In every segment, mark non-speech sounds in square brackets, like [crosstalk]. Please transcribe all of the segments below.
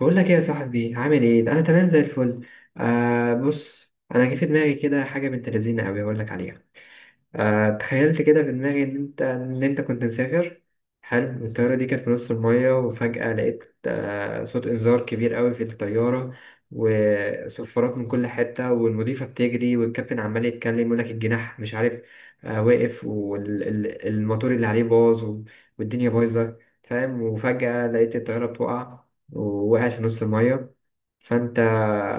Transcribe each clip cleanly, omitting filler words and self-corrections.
بقول لك ايه يا صاحبي، عامل ايه. ده انا تمام زي الفل. بص، انا جه في دماغي كده حاجه بنت لذينه قوي، اقول لك عليها. تخيلت كده في دماغي ان انت كنت مسافر. حلو. الطياره دي كانت في نص الميه، وفجاه لقيت صوت انذار كبير قوي في الطياره، وصفارات من كل حته، والمضيفه بتجري، والكابتن عمال يتكلم يقول لك الجناح مش عارف واقف، والموتور اللي عليه باظ والدنيا بايظه، فاهم. وفجاه لقيت الطياره بتقع، ووقعت في نص الميه. فانت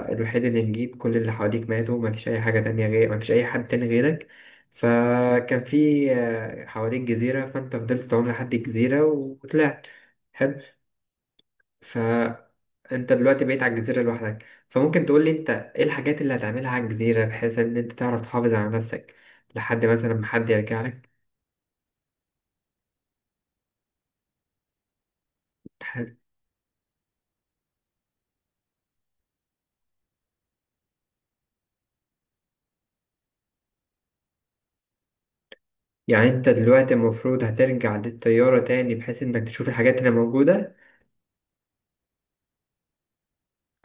الوحيد اللي نجيت، كل اللي حواليك ماتوا، مفيش اي حاجه تانية غير، مفيش اي حد تاني غيرك. فكان في حواليك جزيرة، فأنت فضلت تعوم لحد الجزيرة وطلعت. حلو. فأنت دلوقتي بقيت على الجزيرة لوحدك. فممكن تقولي أنت، إيه الحاجات اللي هتعملها على الجزيرة بحيث إن أنت تعرف تحافظ على نفسك لحد مثلا ما حد يرجع لك. حلو. يعني أنت دلوقتي المفروض هترجع للطيارة تاني، بحيث إنك تشوف الحاجات اللي موجودة.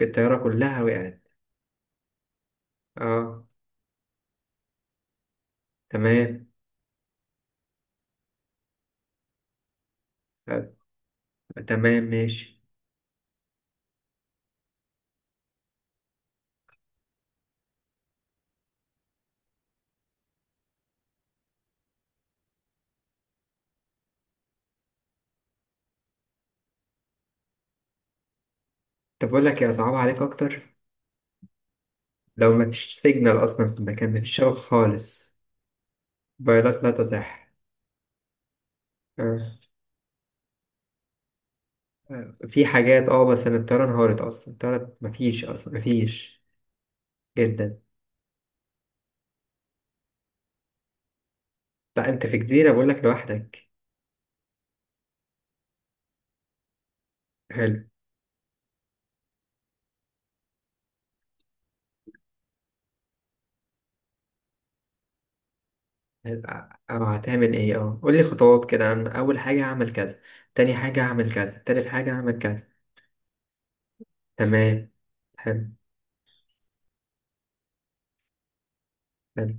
الطيارة كلها وقعت. أه. تمام. آه، تمام ماشي. طب أقول لك، يا صعب عليك أكتر، لو مفيش سيجنال أصلا في المكان، مفيش شبكة خالص، موبايلات لا تصح. آه. آه. في حاجات بس أنا الطيارة انهارت أصلا، الطيارة مفيش أصلا مفيش. جدا. لا أنت في جزيرة بقولك لوحدك. حلو. حلو. أو هتعمل إيه قولي خطوات كده، أنا أول حاجة هعمل كذا، تاني حاجة هعمل كذا، تالت حاجة هعمل كذا. تمام. حلو. حلو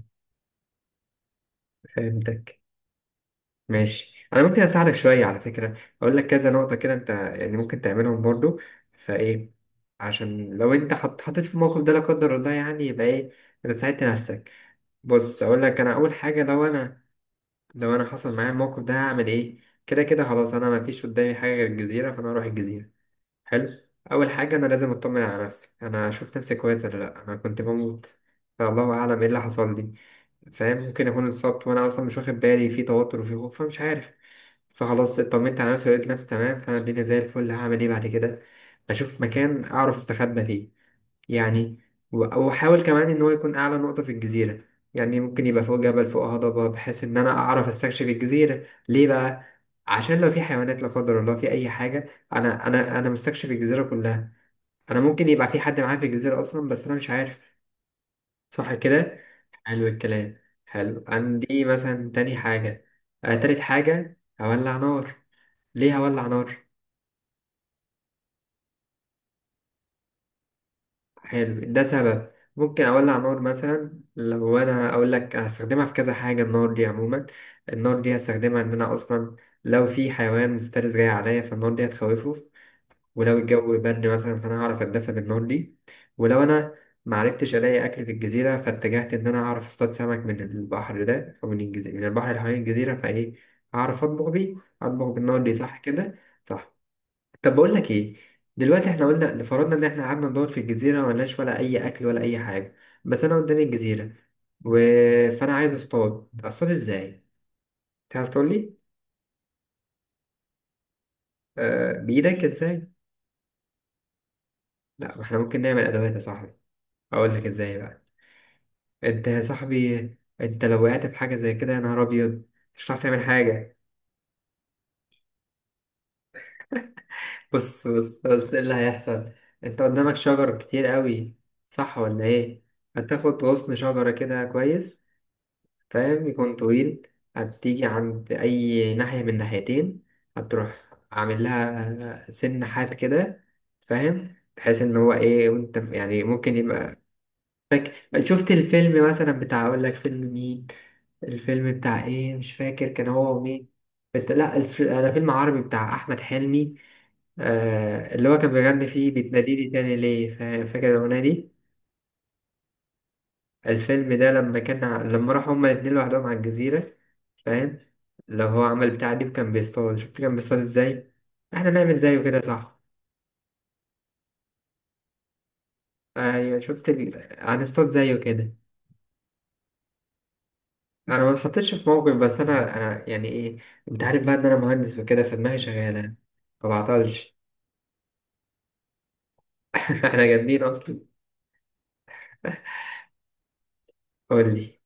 فهمتك. ماشي. انا ممكن اساعدك شويه على فكره، اقول لك كذا نقطه كده انت يعني ممكن تعملهم برضو، فايه، عشان لو انت حطيت في الموقف ده لا قدر الله يعني، يبقى ايه، انت ساعدت نفسك. بص اقول لك، انا اول حاجه، لو انا حصل معايا الموقف ده هعمل ايه. كده كده خلاص، انا ما فيش قدامي حاجه غير الجزيره، فانا هروح الجزيره. حلو. اول حاجه انا لازم اطمن على نفسي، انا اشوف نفسي كويس ولا لا، انا كنت بموت، فالله اعلم ايه اللي حصل لي، فاهم. ممكن اكون اتصبت وانا اصلا مش واخد بالي، في توتر وفي خوف، فمش عارف. فخلاص اطمنت على نفسي، لقيت نفسي تمام، فانا الدنيا زي الفل. هعمل ايه بعد كده؟ بشوف مكان اعرف استخبى فيه يعني، واحاول كمان ان هو يكون اعلى نقطة في الجزيرة، يعني ممكن يبقى فوق جبل، فوق هضبة، بحيث ان انا اعرف استكشف الجزيرة. ليه بقى؟ عشان لو في حيوانات لا قدر الله، في اي حاجة، انا مستكشف الجزيرة كلها. انا ممكن يبقى في حد معايا في الجزيرة اصلا بس انا مش عارف. صح كده. حلو الكلام، حلو. عندي مثلا تاني حاجة، تالت حاجة، هولع نار. ليه هولع نار؟ حلو، ده سبب ممكن أولع نار مثلا. لو أنا أقول لك، هستخدمها في كذا حاجة النار دي عموما. النار دي هستخدمها إن أنا أصلا لو في حيوان مفترس جاي عليا، فالنار دي هتخوفه. ولو الجو برد مثلا، فأنا هعرف أتدفى بالنار دي. ولو أنا معرفتش ألاقي أكل في الجزيرة، فاتجهت إن أنا أعرف أصطاد سمك من البحر ده، أو من الجزيرة، من البحر اللي حوالين الجزيرة، فإيه، أعرف أطبخ بيه، أطبخ بالنار دي. صح كده. صح. طب بقول لك إيه، دلوقتي إحنا قلنا لفرضنا إن إحنا قعدنا ندور في الجزيرة، ملناش ولا أي أكل ولا أي حاجة، بس أنا قدامي الجزيرة و... فأنا عايز أصطاد، أصطاد إزاي؟ تعرف تقول لي؟ آه بإيدك إزاي؟ لا ما إحنا ممكن نعمل أدوات يا صاحبي. أقول لك إزاي بقى. انت يا صاحبي، انت لو وقعت في حاجة زي كده يا نهار ابيض، مش هتعرف تعمل حاجة. بص بص بص، ايه اللي هيحصل. انت قدامك شجر كتير قوي، صح ولا ايه. هتاخد غصن شجرة كده كويس، فاهم، يكون طويل. هتيجي عند اي ناحية من ناحيتين، هتروح عامل لها سن حاد كده، فاهم، بحيث ان هو ايه، وانت يعني ممكن يبقى. فاكر شفت الفيلم مثلا بتاع، اقول لك فيلم مين. الفيلم بتاع ايه، مش فاكر كان هو ومين. بت... لا الف... انا فيلم عربي بتاع احمد حلمي. اللي هو كان بيغني فيه بتناديني تاني ليه، فاكر الاغنيه دي. الفيلم ده لما لما راحوا هما الاتنين لوحدهم على الجزيره، فاهم. لو هو عمل بتاع دي كان بيصطاد، شفت كان بيصطاد ازاي، احنا نعمل زيه كده صح. ايوه شفت هنصطاد زيه كده. انا ما اتحطيتش في موقف، بس انا يعني ايه، انت عارف بقى ان انا مهندس وكده، فدماغي شغاله يعني، ما بعطلش. [laughs] احنا جامدين اصلا. قول لي.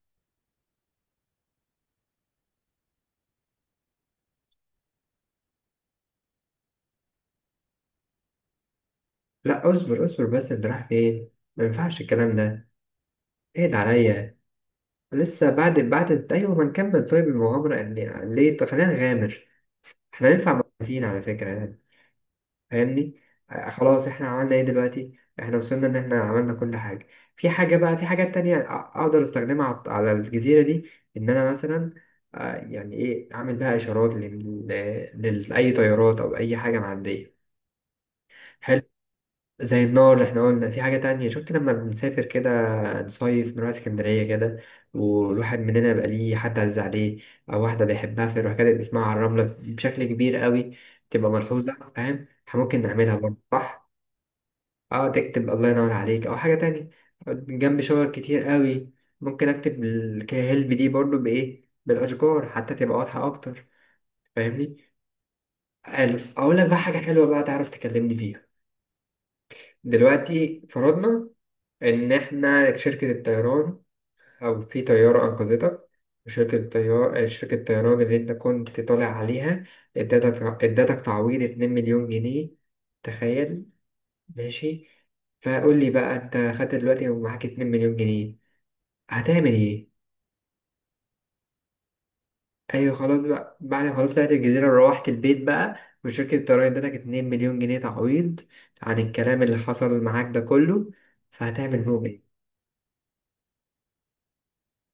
لا اصبر اصبر، بس انت رايح فين، ما ينفعش الكلام ده. اهد عليا. لسه بعد ايوه، ما نكمل طيب المغامره، ان ليه. طب خلينا نغامر، احنا ينفع موقفين على فكره يعني. فاهمني. خلاص احنا عملنا ايه دلوقتي؟ احنا وصلنا ان احنا عملنا كل حاجة. في حاجة بقى، في حاجات تانية اقدر استخدمها على الجزيرة دي، ان انا مثلا، يعني ايه، اعمل بها اشارات لاي طيارات او اي حاجة معدية. حلو، زي النار اللي احنا قلنا. في حاجة تانية، شفت لما بنسافر كده، نصيف، نروح اسكندرية كده، والواحد مننا يبقى ليه حد عز عليه، أو واحدة بيحبها، فيروح كاتب اسمها على الرملة بشكل كبير قوي، تبقى ملحوظة، فاهم؟ احنا ممكن نعملها برضه صح؟ اه تكتب الله ينور عليك او حاجه تانية، جنب شجر كتير قوي. ممكن اكتب الكاهلب دي برضو بايه، بالاشجار حتى تبقى واضحه اكتر، فاهمني. حلو، اقول لك بقى حاجه حلوه بقى، تعرف تكلمني فيها. دلوقتي فرضنا ان احنا شركه الطيران، او في طياره انقذتك، شركة الطيران اللي انت كنت طالع عليها، ادتك تعويض 2 مليون جنيه. تخيل. ماشي. فقول لي بقى، انت خدت دلوقتي ومعاك 2 مليون جنيه، هتعمل ايه. ايوه خلاص بقى، بعد ما خلاص طلعت الجزيره، روحت البيت بقى، وشركه الضرايب ادتك 2 مليون جنيه تعويض عن الكلام اللي حصل معاك ده كله، فهتعمل بهم ايه.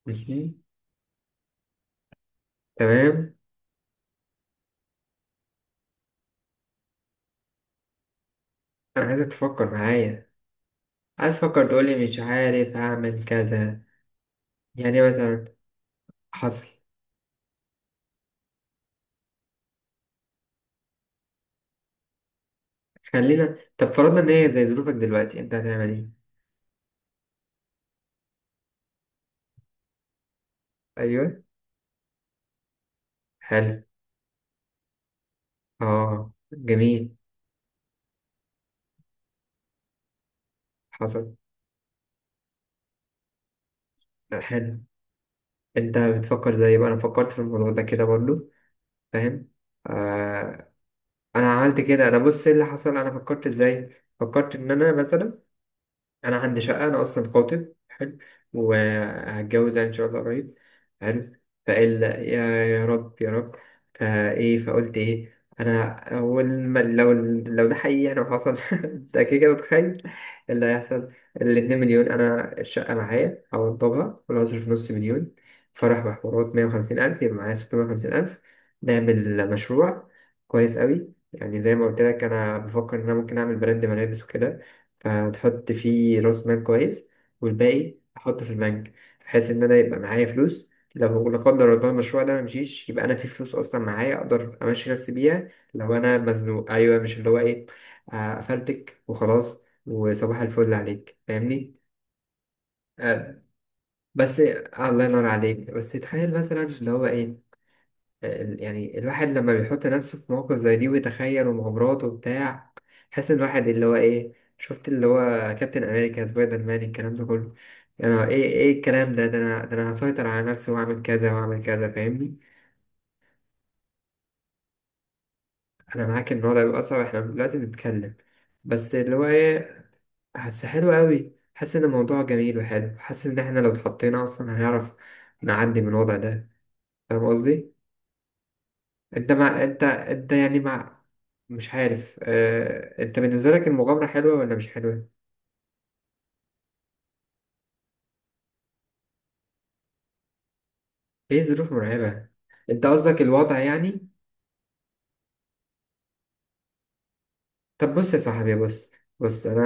ماشي تمام. انا عايزك تفكر معايا، عايز تفكر تقول لي مش عارف هعمل كذا. يعني مثلا، حصل. خلينا، طب فرضنا ان هي زي ظروفك دلوقتي، انت هتعمل ايه. ايوه. حلو. اه جميل. حصل. حلو. انت بتفكر زي بقى انا فكرت في الموضوع ده كده برضو، فاهم. آه انا عملت كده، انا بص ايه اللي حصل، انا فكرت ازاي. فكرت ان انا مثلا، انا عندي شقه، انا اصلا خاطب، حلو، وهتجوز يعني ان شاء الله قريب، حلو. فقال يا رب يا رب. فايه، فقلت ايه انا، اول ما لو، لو ده حقيقي يعني وحصل، [laughs] ده كده كده تخيل اللي هيحصل. الاتنين مليون، انا الشقه معايا هوضبها، ولا هصرف نص مليون، فرح بحوارات، 150 ألف، يبقى معايا 650 ألف، نعمل مشروع كويس قوي، يعني زي ما قلت لك، أنا بفكر إن أنا ممكن أعمل براند ملابس وكده، هتحط فيه راس مال كويس، والباقي احطه في البنك، بحيث ان انا يبقى معايا فلوس، لو لا قدر الله المشروع ده ممشيش، يبقى انا في فلوس اصلا معايا، اقدر امشي نفسي بيها لو انا مزنوق، ايوه مش اللي هو ايه، افلتك وخلاص، وصباح الفل عليك، فاهمني. آه، بس الله ينور عليك، بس تخيل مثلا اللي هو ايه، يعني الواحد لما بيحط نفسه في مواقف زي دي ويتخيل، ومغامرات وبتاع، حاسس ان الواحد اللي هو ايه، شفت اللي هو، كابتن امريكا، سبايدر مان، الكلام ده كله، يعني ايه، ايه الكلام ده، ده انا هسيطر على نفسي واعمل كذا واعمل كذا، فاهمني. انا معاك ان الوضع بيبقى صعب، احنا دلوقتي بنتكلم، بس اللي هو ايه، حاسس حلو قوي، حاسس ان الموضوع جميل وحلو، حاسس ان احنا لو اتحطينا اصلا هنعرف نعدي من الوضع ده، فاهم قصدي. انت يعني مع، مش عارف انت بالنسبة لك المغامرة حلوة ولا مش حلوة؟ ايه ظروف مرعبة؟ انت قصدك الوضع يعني؟ طب بص يا صاحبي، بص، بص انا،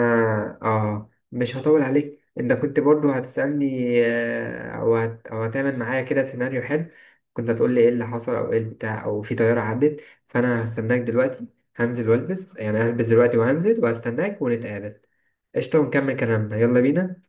اه مش هطول عليك، انت كنت برضو هتسألني، او هتعمل معايا كده سيناريو حلو، كنت هتقول لي ايه اللي حصل، او ايه بتاع، او في طيارة عدت. فانا هستناك دلوقتي، هنزل والبس يعني، هلبس دلوقتي وهنزل وهستناك ونتقابل. قشطة ونكمل كلامنا، يلا بينا.